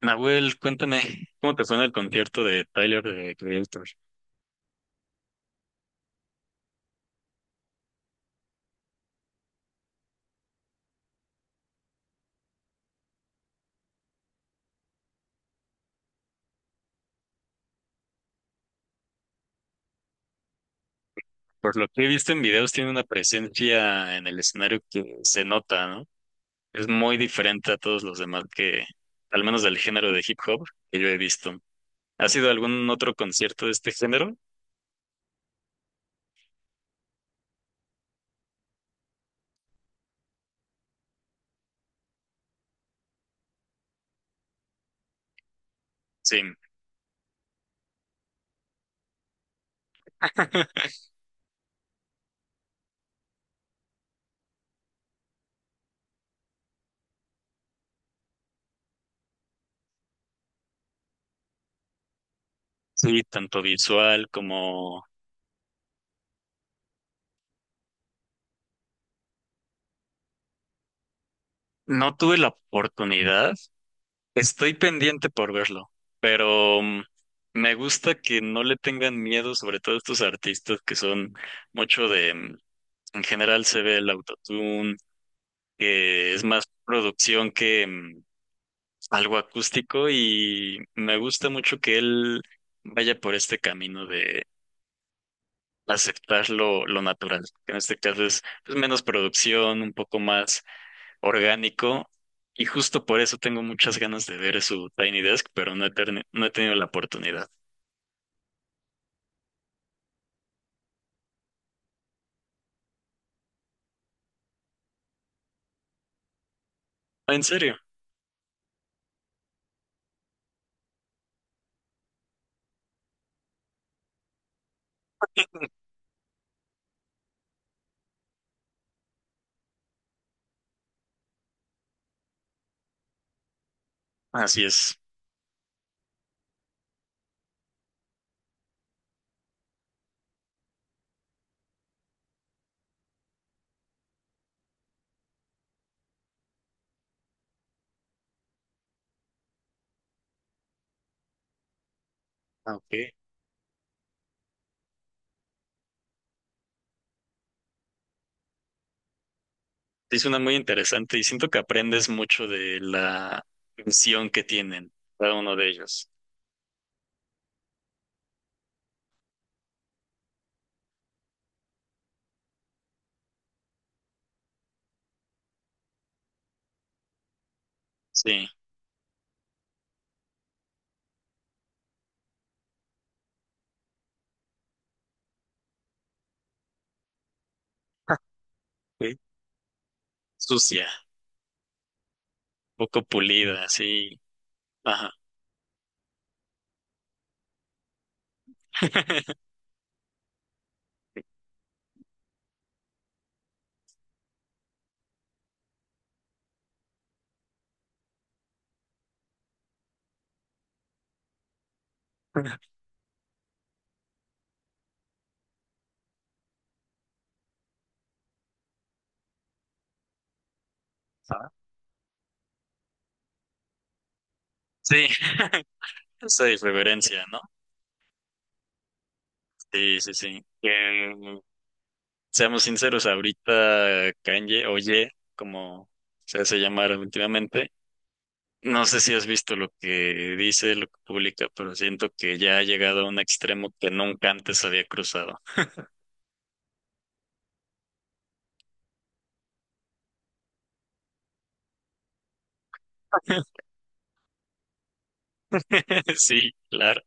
Nahuel, cuéntame, ¿cómo te suena el concierto de Tyler, de Creator? Por lo que he visto en videos, tiene una presencia en el escenario que se nota, ¿no? Es muy diferente a todos los demás que, al menos del género de hip hop que yo he visto. ¿Ha sido algún otro concierto de este género? Sí, sí, tanto visual como... No tuve la oportunidad. Estoy pendiente por verlo, pero me gusta que no le tengan miedo, sobre todo estos artistas que son mucho de, en general se ve el autotune, que es más producción que algo acústico, y me gusta mucho que él vaya por este camino de aceptar lo natural, que en este caso es pues menos producción, un poco más orgánico, y justo por eso tengo muchas ganas de ver su Tiny Desk, pero no he tenido la oportunidad. En serio. Así es. Ah, ok. Sí, suena muy interesante y siento que aprendes mucho de la visión que tienen cada uno de ellos. Sí. Ah, ok. Sucia, poco pulida, sí. Ajá. Ah. Sí, esa irreverencia, ¿no? Sí, sí, sí. Seamos sinceros, ahorita Kanye, o Ye, como se hace llamar últimamente, no sé si has visto lo que dice, lo que publica, pero siento que ya ha llegado a un extremo que nunca antes había cruzado. Sí, claro.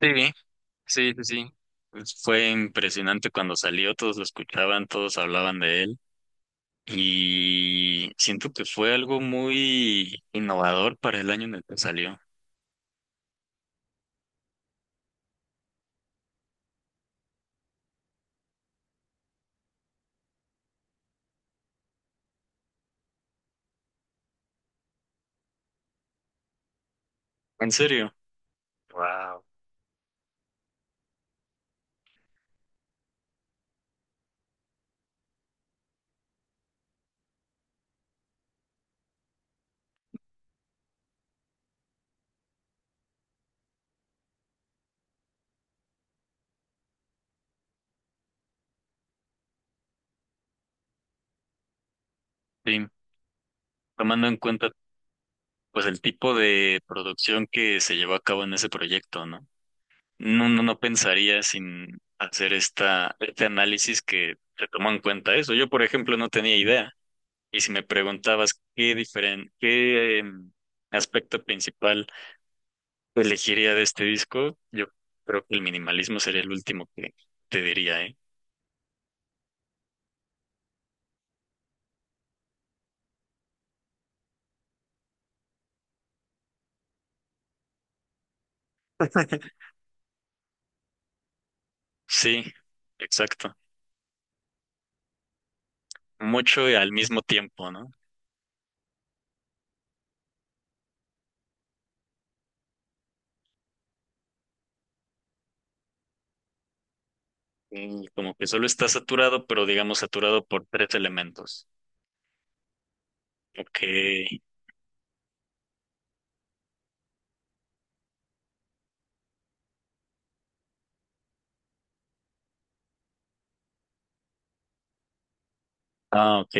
Sí, sí, sí, sí. Pues fue impresionante cuando salió, todos lo escuchaban, todos hablaban de él y siento que fue algo muy innovador para el año en el que salió. ¿En serio? Wow. Sí, tomando en cuenta pues el tipo de producción que se llevó a cabo en ese proyecto, ¿no? No, no, no pensaría sin hacer este análisis que se tomó en cuenta eso. Yo, por ejemplo, no tenía idea. Y si me preguntabas qué aspecto principal elegiría de este disco, yo creo que el minimalismo sería el último que te diría, ¿eh? Sí, exacto. Mucho y al mismo tiempo, ¿no? Y como que solo está saturado, pero digamos saturado por tres elementos. Ok. Ah, ok.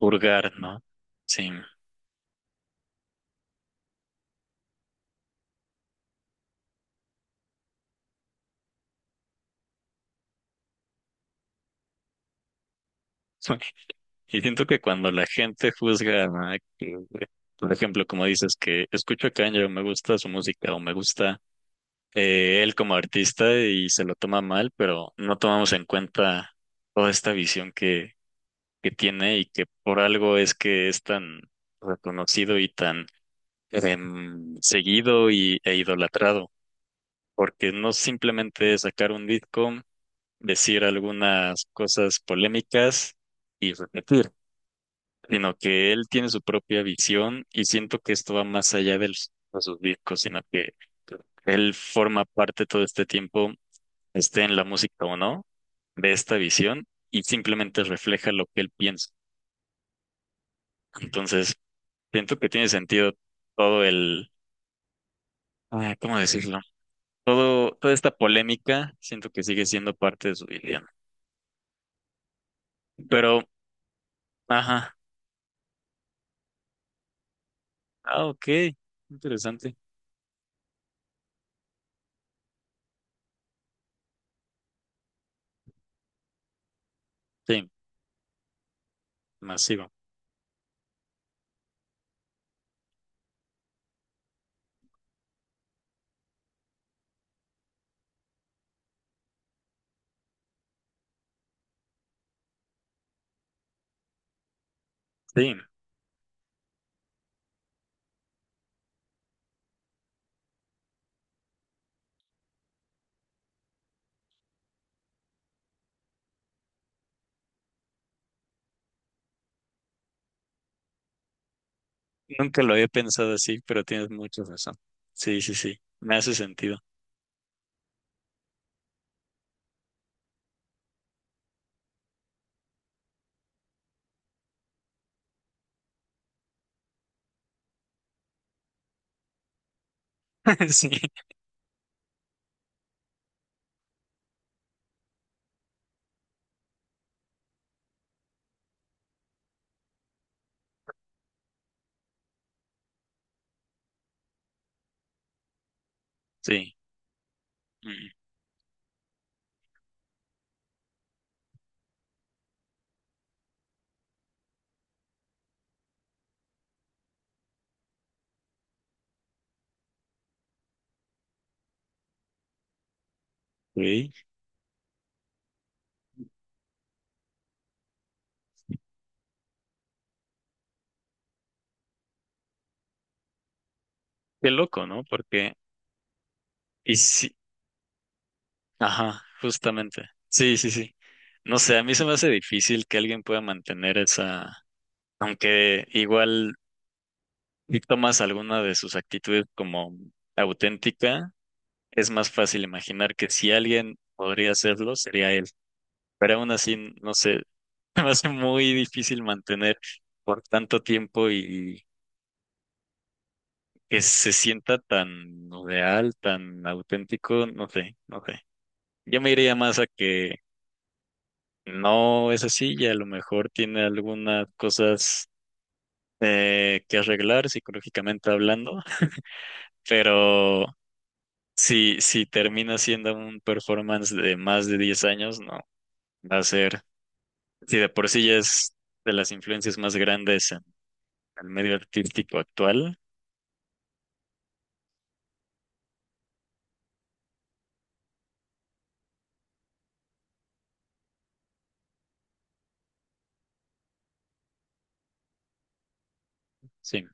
Purgar, ¿no? Sí. Y siento que cuando la gente juzga, ¿no?, que, por ejemplo, como dices, que escucho a Kanye o me gusta su música o me gusta él como artista, y se lo toma mal, pero no tomamos en cuenta toda esta visión que tiene, y que por algo es que es tan reconocido y tan seguido y, e idolatrado, porque no simplemente es sacar un disco, decir algunas cosas polémicas y repetir, sino que él tiene su propia visión y siento que esto va más allá de, de sus discos, sino que él forma parte todo este tiempo, esté en la música o no, de esta visión, y simplemente refleja lo que él piensa. Entonces, siento que tiene sentido todo el, ah, ¿cómo decirlo? Todo, toda esta polémica, siento que sigue siendo parte de su vida. Pero, ajá, ah, ok, interesante. Sí, masivo. Sí, nunca lo había pensado así, pero tienes mucha razón. Sí, sí, sí, me hace sentido. Sí, sí. Mm, ok. Qué loco, ¿no? Porque, y sí, ajá, justamente. Sí, sí, sí. No sé, a mí se me hace difícil que alguien pueda mantener esa, aunque igual si tomas alguna de sus actitudes como auténtica, es más fácil imaginar que si alguien podría hacerlo, sería él. Pero aún así, no sé, me hace muy difícil mantener por tanto tiempo y que se sienta tan real, tan auténtico, no sé, no sé. Yo me iría más a que no es así, y a lo mejor tiene algunas cosas que arreglar psicológicamente hablando, pero si termina siendo un performance de más de 10 años, no, va a ser, si de por sí ya es de las influencias más grandes en el medio artístico actual, sí.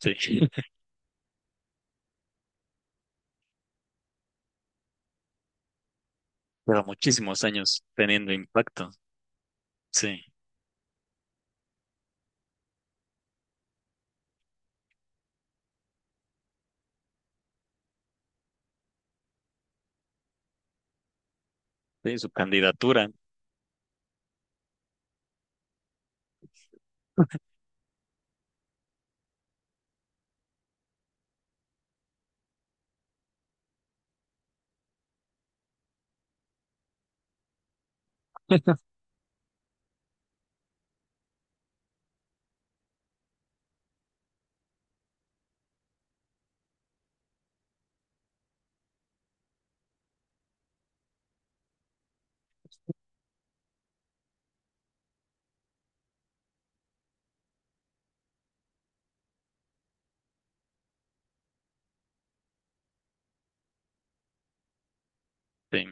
Sí. Pero muchísimos años teniendo impacto, sí, sí, su candidatura, sí,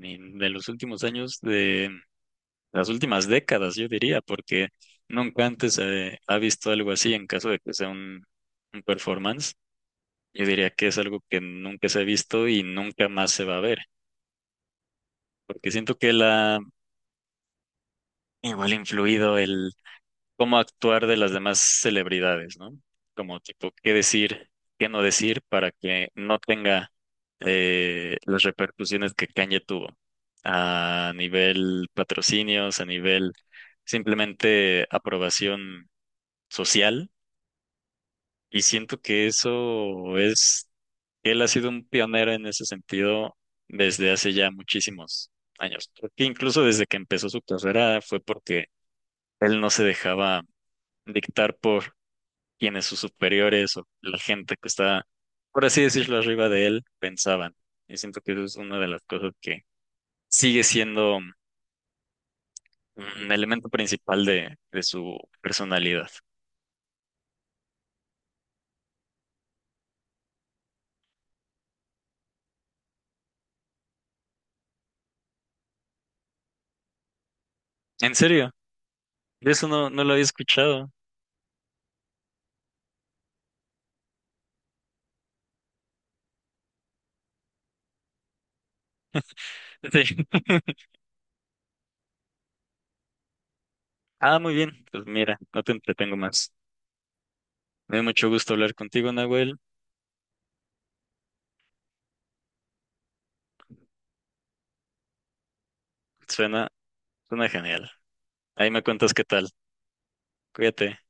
y de los últimos años, de las últimas décadas, yo diría, porque nunca antes se ha visto algo así en caso de que sea un performance. Yo diría que es algo que nunca se ha visto y nunca más se va a ver, porque siento que la igual ha influido cómo actuar de las demás celebridades, ¿no? Como tipo, qué decir, qué no decir, para que no tenga las repercusiones que Kanye tuvo a nivel patrocinios, a nivel simplemente aprobación social. Y siento que eso es, él ha sido un pionero en ese sentido desde hace ya muchísimos años. Porque incluso desde que empezó su carrera fue porque él no se dejaba dictar por quienes sus superiores o la gente que está, por así decirlo, arriba de él pensaban. Y siento que eso es una de las cosas que sigue siendo un elemento principal de su personalidad. En serio, de eso no, no lo había escuchado. Sí. Ah, muy bien. Pues mira, no te entretengo más. Me dio mucho gusto hablar contigo, Nahuel. Suena, suena genial. Ahí me cuentas qué tal. Cuídate.